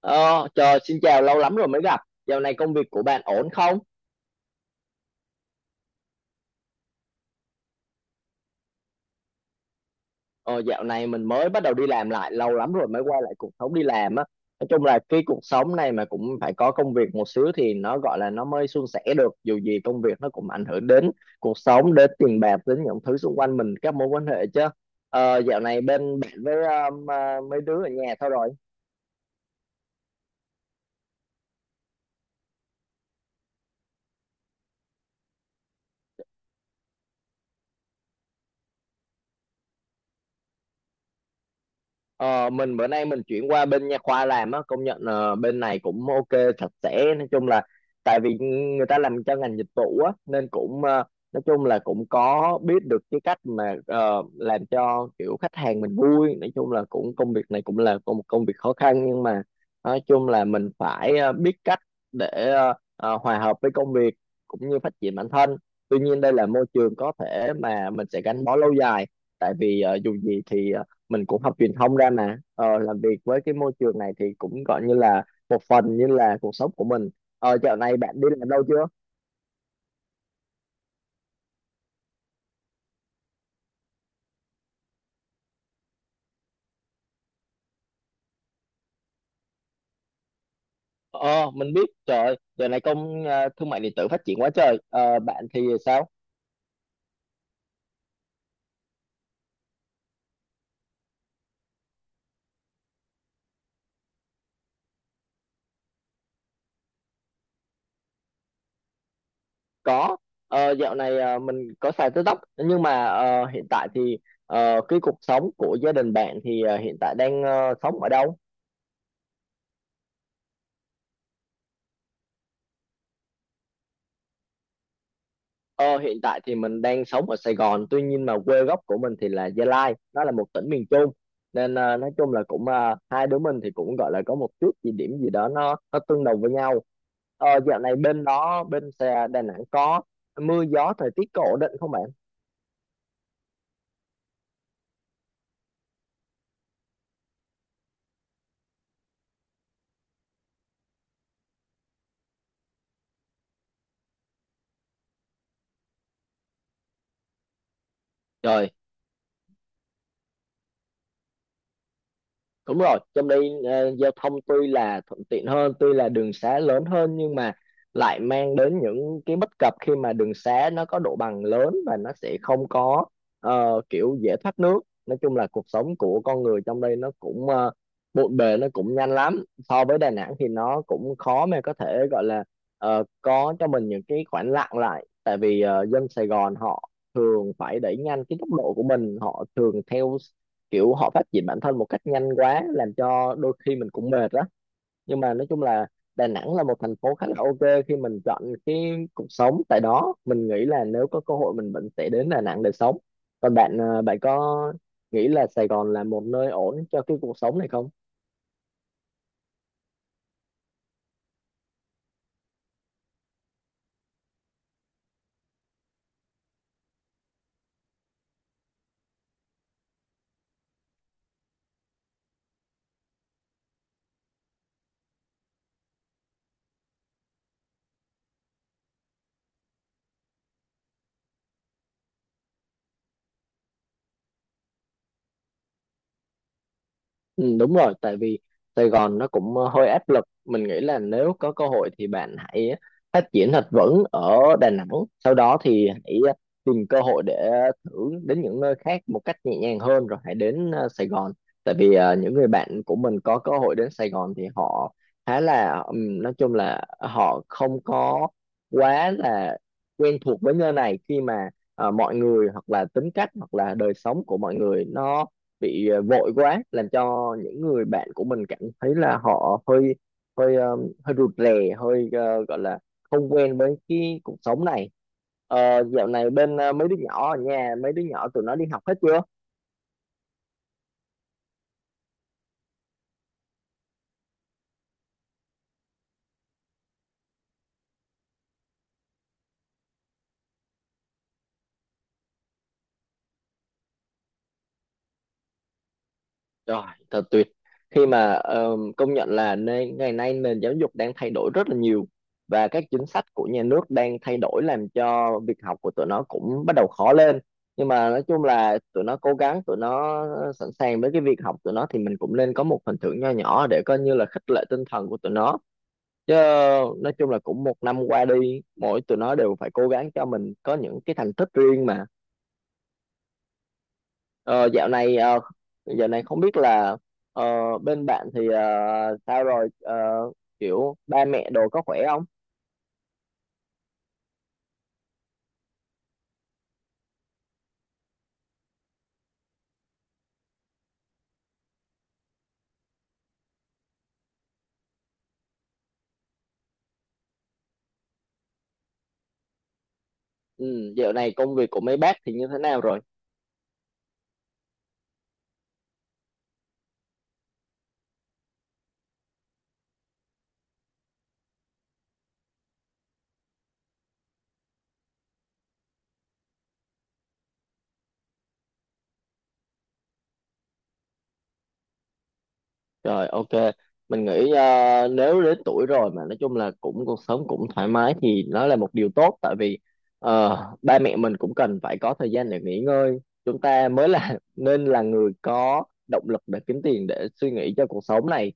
Ờ, Chờ, xin chào, lâu lắm rồi mới gặp. Dạo này công việc của bạn ổn không? Ờ, Dạo này mình mới bắt đầu đi làm lại, lâu lắm rồi mới quay lại cuộc sống đi làm á. Nói chung là cái cuộc sống này mà cũng phải có công việc một xíu thì nó gọi là nó mới suôn sẻ được. Dù gì công việc nó cũng ảnh hưởng đến cuộc sống, đến tiền bạc, đến những thứ xung quanh mình, các mối quan hệ chứ. Dạo này bên bạn với mấy đứa ở nhà thôi rồi. Ờ, mình bữa nay mình chuyển qua bên nha khoa làm á. Công nhận bên này cũng ok, sạch sẽ. Nói chung là tại vì người ta làm cho ngành dịch vụ á nên cũng nói chung là cũng có biết được cái cách mà làm cho kiểu khách hàng mình vui. Nói chung là cũng công việc này cũng là có một công việc khó khăn, nhưng mà nói chung là mình phải biết cách để hòa hợp với công việc cũng như phát triển bản thân. Tuy nhiên đây là môi trường có thể mà mình sẽ gắn bó lâu dài, tại vì dù gì thì mình cũng học truyền thông ra mà làm việc với cái môi trường này thì cũng gọi như là một phần như là cuộc sống của mình. Dạo này bạn đi làm đâu chưa? Ờ mình biết, trời ơi, dạo này thương mại điện tử phát triển quá trời. Ờ, Bạn thì sao? Có. Dạo này mình có xài TikTok nhưng mà hiện tại thì. Cái cuộc sống của gia đình bạn thì hiện tại đang sống ở đâu? Ờ, Hiện tại thì mình đang sống ở Sài Gòn, tuy nhiên mà quê gốc của mình thì là Gia Lai, nó là một tỉnh miền Trung. Nên nói chung là cũng hai đứa mình thì cũng gọi là có một chút gì điểm gì đó nó tương đồng với nhau. Dạo này bên đó bên xe Đà Nẵng có mưa gió, thời tiết có ổn định không bạn? Trời, đúng rồi, trong đây giao thông tuy là thuận tiện hơn, tuy là đường xá lớn hơn, nhưng mà lại mang đến những cái bất cập khi mà đường xá nó có độ bằng lớn và nó sẽ không có kiểu dễ thoát nước. Nói chung là cuộc sống của con người trong đây nó cũng bộn bề, nó cũng nhanh lắm. So với Đà Nẵng thì nó cũng khó mà có thể gọi là có cho mình những cái khoảng lặng lại, tại vì dân Sài Gòn họ thường phải đẩy nhanh cái tốc độ của mình, họ thường theo kiểu họ phát triển bản thân một cách nhanh quá làm cho đôi khi mình cũng mệt đó. Nhưng mà nói chung là Đà Nẵng là một thành phố khá là ok khi mình chọn cái cuộc sống tại đó. Mình nghĩ là nếu có cơ hội mình vẫn sẽ đến Đà Nẵng để sống. Còn bạn có nghĩ là Sài Gòn là một nơi ổn cho cái cuộc sống này không? Ừ, đúng rồi, tại vì Sài Gòn nó cũng hơi áp lực. Mình nghĩ là nếu có cơ hội thì bạn hãy phát triển thật vững ở Đà Nẵng. Sau đó thì hãy tìm cơ hội để thử đến những nơi khác một cách nhẹ nhàng hơn rồi hãy đến Sài Gòn. Tại vì những người bạn của mình có cơ hội đến Sài Gòn thì họ khá là nói chung là họ không có quá là quen thuộc với nơi này, khi mà mọi người hoặc là tính cách hoặc là đời sống của mọi người nó bị vội quá, làm cho những người bạn của mình cảm thấy là họ hơi hơi ờ, hơi rụt rè, gọi là không quen với cái cuộc sống này. Dạo này bên mấy đứa nhỏ ở nhà, mấy đứa nhỏ tụi nó đi học hết chưa? Rồi, thật tuyệt. Khi mà công nhận là ngày nay nền giáo dục đang thay đổi rất là nhiều và các chính sách của nhà nước đang thay đổi làm cho việc học của tụi nó cũng bắt đầu khó lên. Nhưng mà nói chung là tụi nó cố gắng, tụi nó sẵn sàng với cái việc học, tụi nó thì mình cũng nên có một phần thưởng nho nhỏ để coi như là khích lệ tinh thần của tụi nó. Chứ nói chung là cũng một năm qua đi, mỗi tụi nó đều phải cố gắng cho mình có những cái thành tích riêng mà. Ờ, dạo này ờ, dạo này không biết là ờ, bên bạn thì sao rồi? Ờ, Kiểu ba mẹ đồ có khỏe không? Ừ, dạo này công việc của mấy bác thì như thế nào rồi? Rồi, ok, mình nghĩ nếu đến tuổi rồi mà nói chung là cũng cuộc sống cũng thoải mái thì nó là một điều tốt, tại vì ba mẹ mình cũng cần phải có thời gian để nghỉ ngơi. Chúng ta mới là nên là người có động lực để kiếm tiền, để suy nghĩ cho cuộc sống này,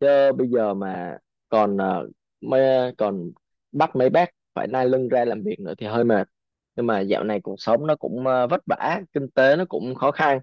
chứ bây giờ mà còn ờ, còn bắt mấy bác phải nai lưng ra làm việc nữa thì hơi mệt. Nhưng mà dạo này cuộc sống nó cũng vất vả, kinh tế nó cũng khó khăn,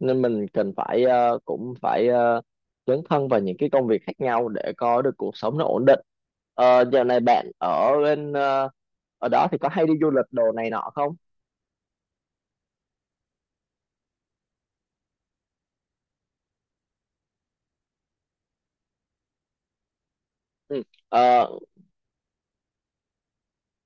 nên mình cần phải cũng phải dấn thân vào những cái công việc khác nhau để có được cuộc sống nó ổn định. Dạo này bạn ở đó thì có hay đi du lịch đồ này nọ không? Ừ. Ờ,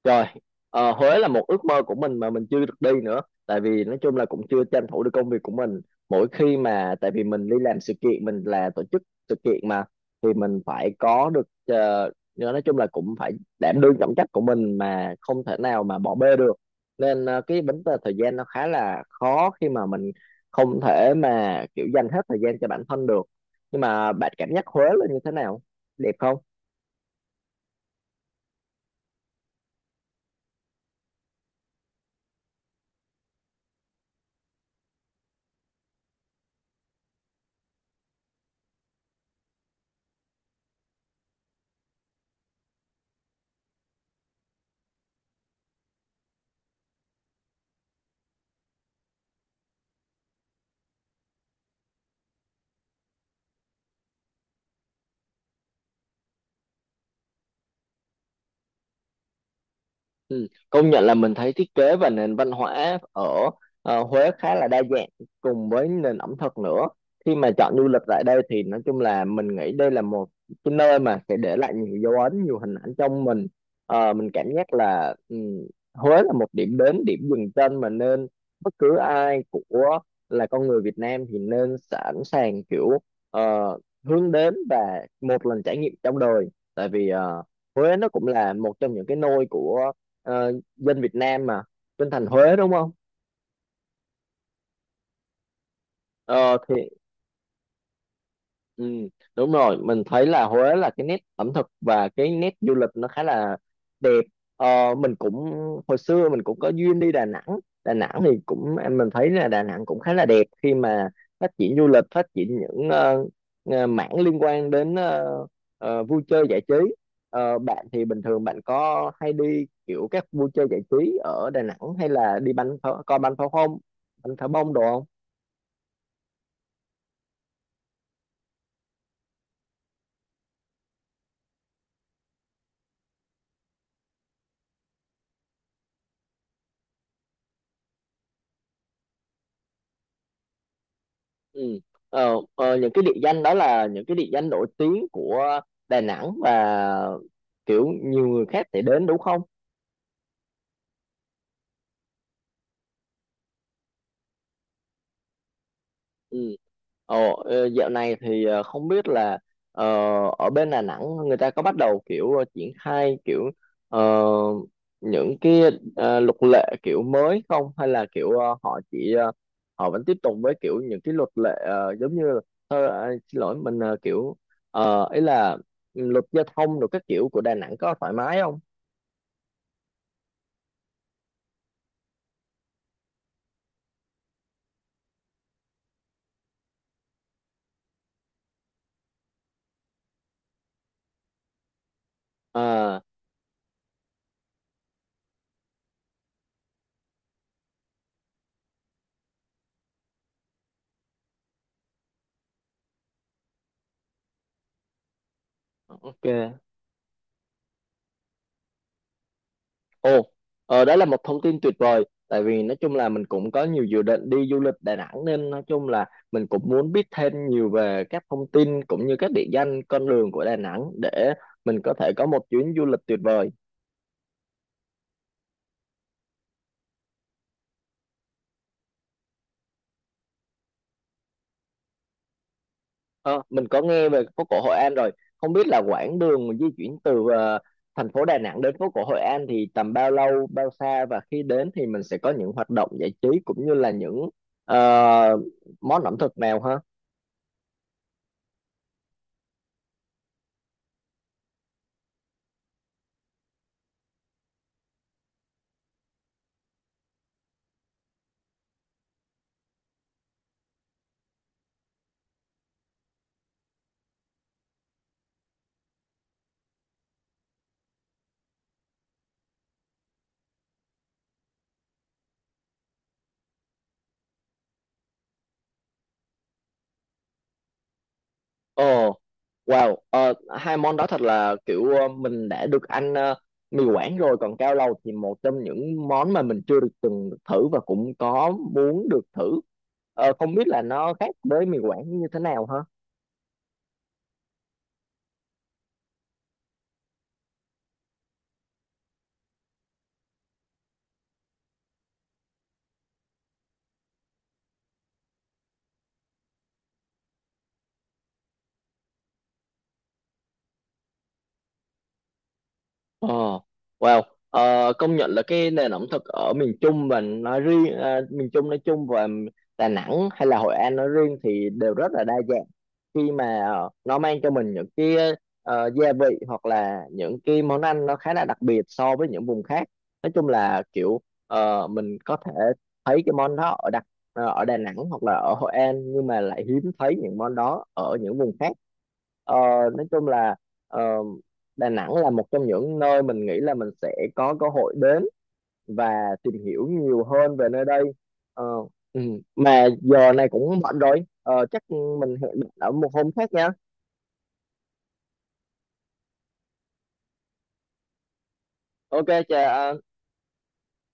Rồi, Huế là một ước mơ của mình mà mình chưa được đi nữa. Tại vì nói chung là cũng chưa tranh thủ được công việc của mình. Mỗi khi mà, tại vì mình đi làm sự kiện, mình là tổ chức sự kiện mà, thì mình phải có được, nói chung là cũng phải đảm đương trọng trách của mình mà không thể nào mà bỏ bê được. Nên cái vấn đề thời gian nó khá là khó khi mà mình không thể mà kiểu dành hết thời gian cho bản thân được. Nhưng mà bạn cảm giác Huế là như thế nào? Đẹp không? Ừ. Công nhận là mình thấy thiết kế và nền văn hóa ở Huế khá là đa dạng, cùng với nền ẩm thực nữa. Khi mà chọn du lịch tại đây thì nói chung là mình nghĩ đây là một cái nơi mà sẽ để lại nhiều dấu ấn, nhiều hình ảnh trong mình. Mình cảm giác là Huế là một điểm đến, điểm dừng chân mà nên bất cứ ai của là con người Việt Nam thì nên sẵn sàng kiểu ờ, hướng đến và một lần trải nghiệm trong đời. Tại vì Huế nó cũng là một trong những cái nôi của dân Việt Nam mà, bên thành Huế đúng không? Ờ thì. Ừ, đúng rồi, mình thấy là Huế là cái nét ẩm thực và cái nét du lịch nó khá là đẹp. Mình cũng hồi xưa mình cũng có duyên đi Đà Nẵng. Đà Nẵng thì cũng em mình thấy là Đà Nẵng cũng khá là đẹp khi mà phát triển du lịch, phát triển những mảng liên quan đến vui chơi giải trí. Bạn thì bình thường bạn có hay đi kiểu các vui chơi giải trí ở Đà Nẵng hay là đi bắn pháo, coi bắn pháo không, bắn pháo bông đồ không? Ừ. Những cái địa danh đó là những cái địa danh nổi tiếng của Đà Nẵng và kiểu nhiều người khác sẽ đến đúng không? Ừ. Ồ, dạo này thì không biết là ờ, ở bên Đà Nẵng người ta có bắt đầu kiểu triển khai kiểu ờ, những cái luật lệ kiểu mới không, hay là kiểu họ vẫn tiếp tục với kiểu những cái luật lệ giống như là- thôi xin lỗi, mình kiểu ý là luật giao thông rồi các kiểu của Đà Nẵng có thoải mái không? À, ok. Ồ, đó là một thông tin tuyệt vời. Tại vì nói chung là mình cũng có nhiều dự định đi du lịch Đà Nẵng nên nói chung là mình cũng muốn biết thêm nhiều về các thông tin cũng như các địa danh, con đường của Đà Nẵng để mình có thể có một chuyến du lịch tuyệt vời. Ờ, mình có nghe về phố cổ Hội An rồi. Không biết là quãng đường di chuyển từ thành phố Đà Nẵng đến phố cổ Hội An thì tầm bao lâu, bao xa, và khi đến thì mình sẽ có những hoạt động giải trí cũng như là những ờ, món ẩm thực nào ha? Ồ. Wow, hai món đó thật là kiểu mình đã được ăn mì Quảng rồi, còn cao lầu thì một trong những món mà mình chưa được từng được thử và cũng có muốn được thử. Không biết là nó khác với mì Quảng như thế nào hả? Ờ, wow, công nhận là cái nền ẩm thực ở miền Trung, và nói riêng miền Trung nói chung và Đà Nẵng hay là Hội An nói riêng thì đều rất là đa dạng. Khi mà nó mang cho mình những cái gia vị hoặc là những cái món ăn nó khá là đặc biệt so với những vùng khác. Nói chung là kiểu mình có thể thấy cái món đó ở Đà Nẵng hoặc là ở Hội An, nhưng mà lại hiếm thấy những món đó ở những vùng khác. Ờ, nói chung là ờ, Đà Nẵng là một trong những nơi mình nghĩ là mình sẽ có cơ hội đến và tìm hiểu nhiều hơn về nơi đây. Ờ, ừ. Mà giờ này cũng muộn rồi, chắc mình hẹn bạn ở một hôm khác nha. Ok, chà.